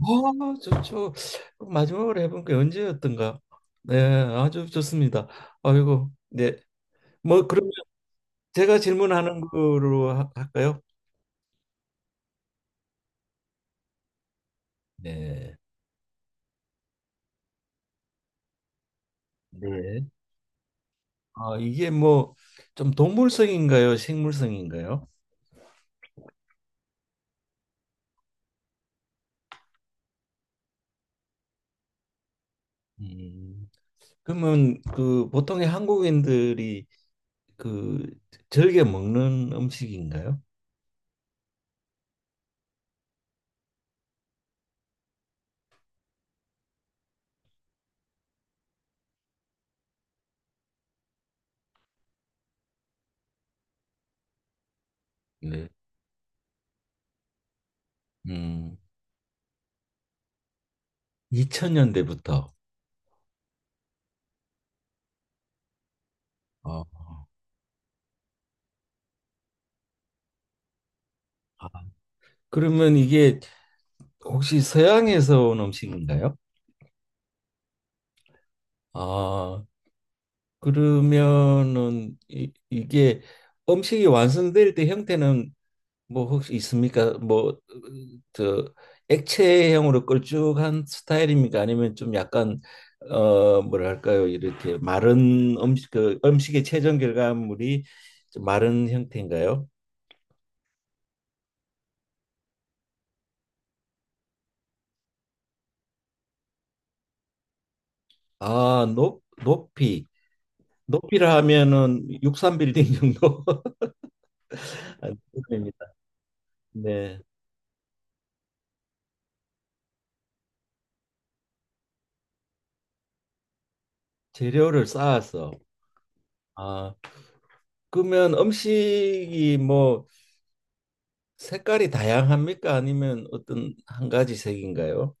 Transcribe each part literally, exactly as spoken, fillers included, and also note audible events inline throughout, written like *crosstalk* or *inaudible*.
아, 좋죠. 마지막으로 해본 게 언제였던가? 네, 아주 좋습니다. 아이고, 네. 뭐 그러면 제가 질문하는 거로 하- 할까요? 네. 네. 아, 이게 뭐 좀 동물성인가요? 식물성인가요? 음. 그러면 그 보통의 한국인들이 그 즐겨 먹는 음식인가요? 네. 음, 이천 년대부터. 어. 아, 그러면 이게 혹시 서양에서 온 음식인가요? 아, 그러면은 이, 이게 음식이 완성될 때 형태는 뭐 혹시 있습니까? 뭐 저 액체형으로 걸쭉한 스타일입니까? 아니면 좀 약간 어 뭐랄까요? 이렇게 마른 음식 그 음식의 최종 결과물이 좀 마른 형태인가요? 아, 높 높이. 높이라 하면은 육삼빌딩 정도 *laughs* 됩니다. 네. 재료를 쌓아서. 아 그러면 음식이 뭐 색깔이 다양합니까? 아니면 어떤 한 가지 색인가요?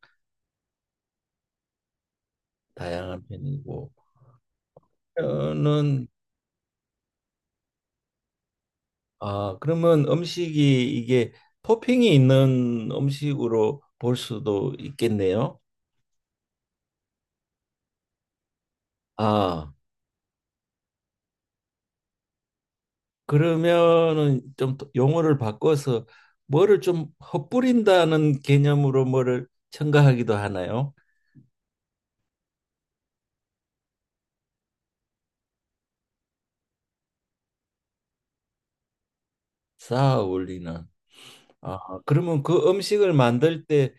다양한 편이고 저는. 아 그러면 음식이 이게 토핑이 있는 음식으로 볼 수도 있겠네요. 아 그러면은 좀 또- 용어를 바꿔서 뭐를 좀 헛뿌린다는 개념으로 뭐를 첨가하기도 하나요? 쌓아 올리는. 아, 그러면 그 음식을 만들 때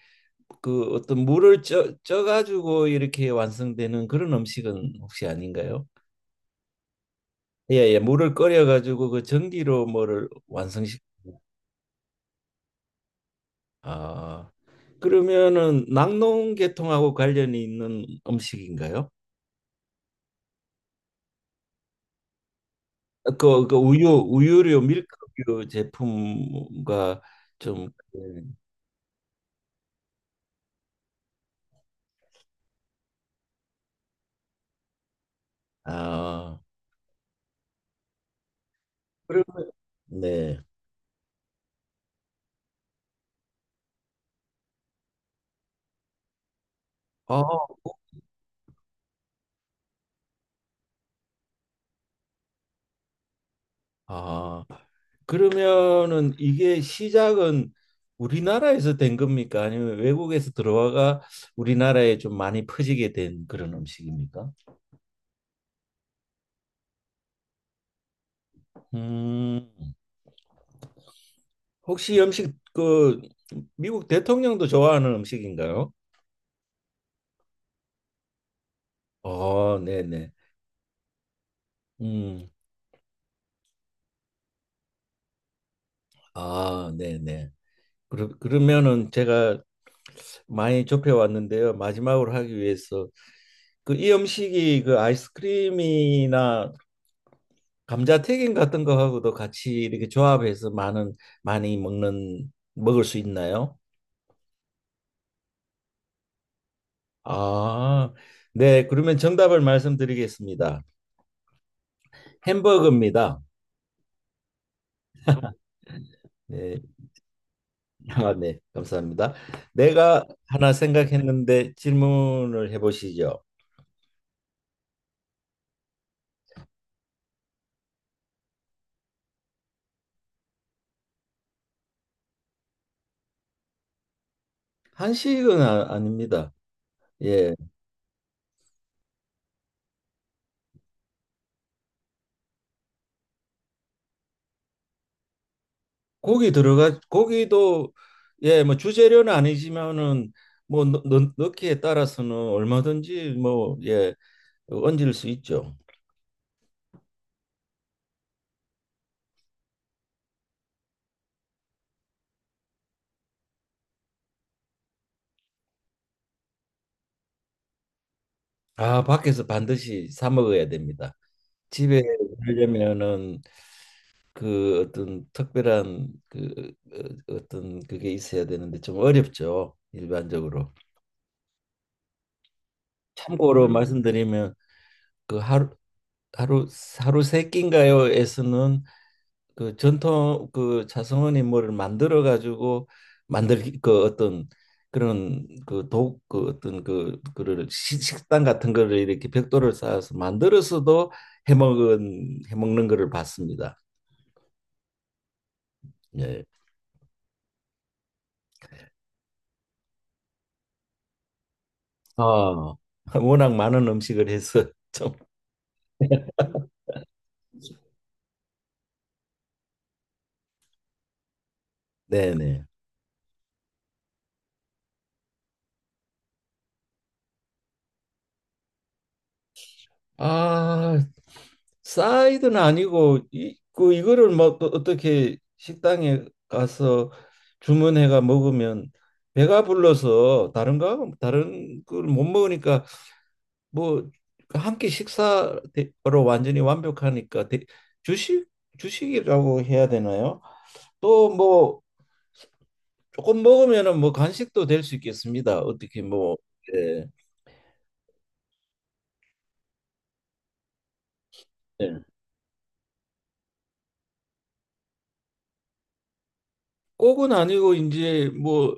그 어떤 물을 쪄, 쪄가지고 이렇게 완성되는 그런 음식은 혹시 아닌가요? 예, 예, 물을 끓여가지고 그 전기로 뭐를 완성시키고. 아, 그러면은 낙농계통하고 관련이 있는 음식인가요? 그, 그 우유, 우유류, 밀크류 제품과 좀, 예. 아, 그러면, 네. 아, 아, 그러면은 이게 시작은 우리나라에서 된 겁니까? 아니면 외국에서 들어와가 우리나라에 좀 많이 퍼지게 된 그런 음식입니까? 음, 혹시 이 음식 그 미국 대통령도 좋아하는 음식인가요? 어, 네네. 음, 아, 네네. 그러, 그러면은 제가 많이 좁혀왔는데요. 마지막으로 하기 위해서 그 이 음식이 그 아이스크림이나 감자튀김 같은 거하고도 같이 이렇게 조합해서 많은 많이 먹는 먹을 수 있나요? 아, 네. 그러면 정답을 말씀드리겠습니다. 햄버거입니다. 네. 아, 네. 감사합니다. 내가 하나 생각했는데 질문을 해보시죠. 한식은 아, 닙니다. 예. 고기 들어가 고기도 예, 뭐 주재료는 아니지만은 뭐 넣, 넣, 넣기에 따라서는 얼마든지 뭐 예, 얹을 수 있죠. 아, 밖에서 반드시 사 먹어야 됩니다. 집에 하려면은 그 어떤 특별한 그 어, 어떤 그게 있어야 되는데 좀 어렵죠. 일반적으로. 참고로 말씀드리면 그 하루 하루 하루 세 끼인가요에서는 그 전통 그 자성어니 뭐를 만들어 가지고 만들 그 어떤 그런 그 독 그 어떤 그 그를 시- 식당 같은 거를 이렇게 벽돌을 쌓아서 만들어서도 해먹은 해먹는 거를 봤습니다. 예. 아, *laughs* 워낙 많은 음식을 해서 좀 *laughs* 네네. 아, 사이드는 아니고 이, 그 이거를 뭐 또 어떻게 식당에 가서 주문해가 먹으면 배가 불러서 다른 거 다른 걸 못 먹으니까 뭐 한 끼 식사로 완전히 완벽하니까 대- 주식. 주식이라고 해야 되나요? 또 뭐 조금 먹으면은 뭐 간식도 될 수 있겠습니다. 어떻게 뭐 예. 예. 꼭은 아니고 이제 뭐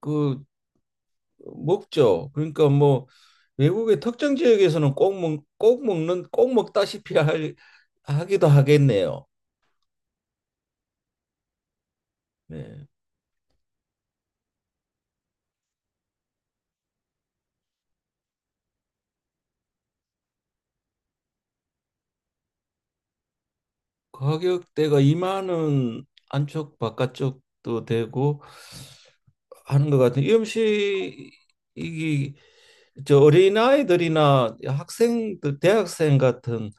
그 먹죠. 그러니까 뭐 외국의 특정 지역에서는 꼭 먹, 꼭 먹는 꼭 먹다시피 할, 하기도 하겠네요. 네. 가격대가 이만 원 안쪽 바깥쪽도 되고 하는 것 같아요. 이 음식이 저 어린아이들이나 학생들, 대학생 같은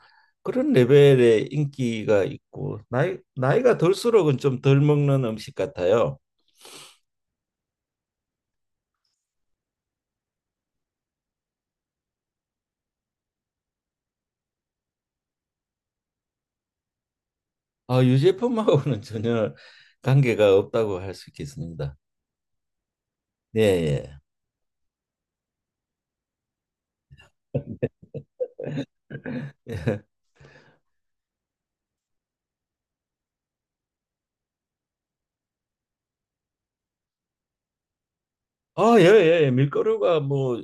그런 레벨의 인기가 있고 나이 나이가 들수록은 좀 덜 먹는 음식 같아요. 아, 유제품하고는 *laughs* 전혀 관계가 없다고 할 수 있겠습니다. 예, 예. *laughs* 예. 아, 예, 예. 예. 밀가루가 뭐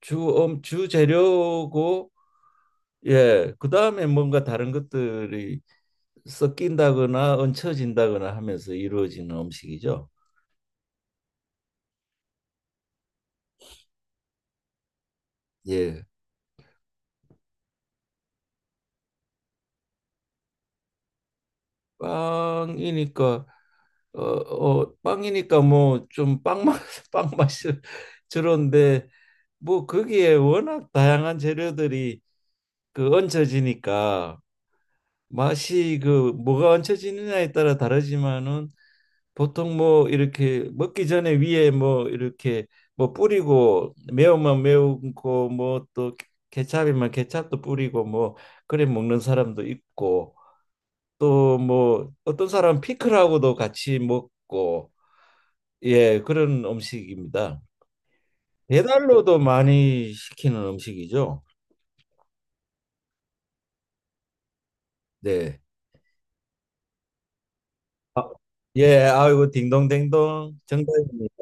주, 음, 주재료고, 예. 그 다음에 뭔가 다른 것들이 섞인다거나 얹혀진다거나 하면서 이루어지는 음식이죠. 예. 빵이니까, 어, 어, 빵이니까 뭐 좀 빵맛, *laughs* 빵맛이 저런데, 뭐 거기에 워낙 다양한 재료들이 그 얹혀지니까 맛이 그 뭐가 얹혀지느냐에 따라 다르지만은 보통 뭐 이렇게 먹기 전에 위에 뭐 이렇게 뭐 뿌리고 매운맛 매운 거뭐 또 케찹이면 케찹도 뿌리고 뭐 그래 먹는 사람도 있고 또 뭐 어떤 사람 피클하고도 같이 먹고 예 그런 음식입니다. 배달로도 많이 시키는 음식이죠. 네. 예, 아이고 딩동댕동 정답입니다.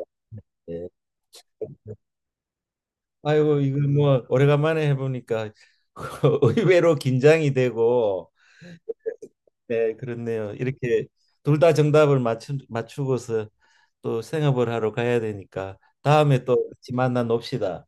예. 아이고 이거 뭐 오래간만에 해보니까 *laughs* 의외로 긴장이 되고 네 그렇네요. 이렇게 둘 다 정답을 맞추, 맞추고서 또 생업을 하러 가야 되니까 다음에 또 같이 만나 놉시다.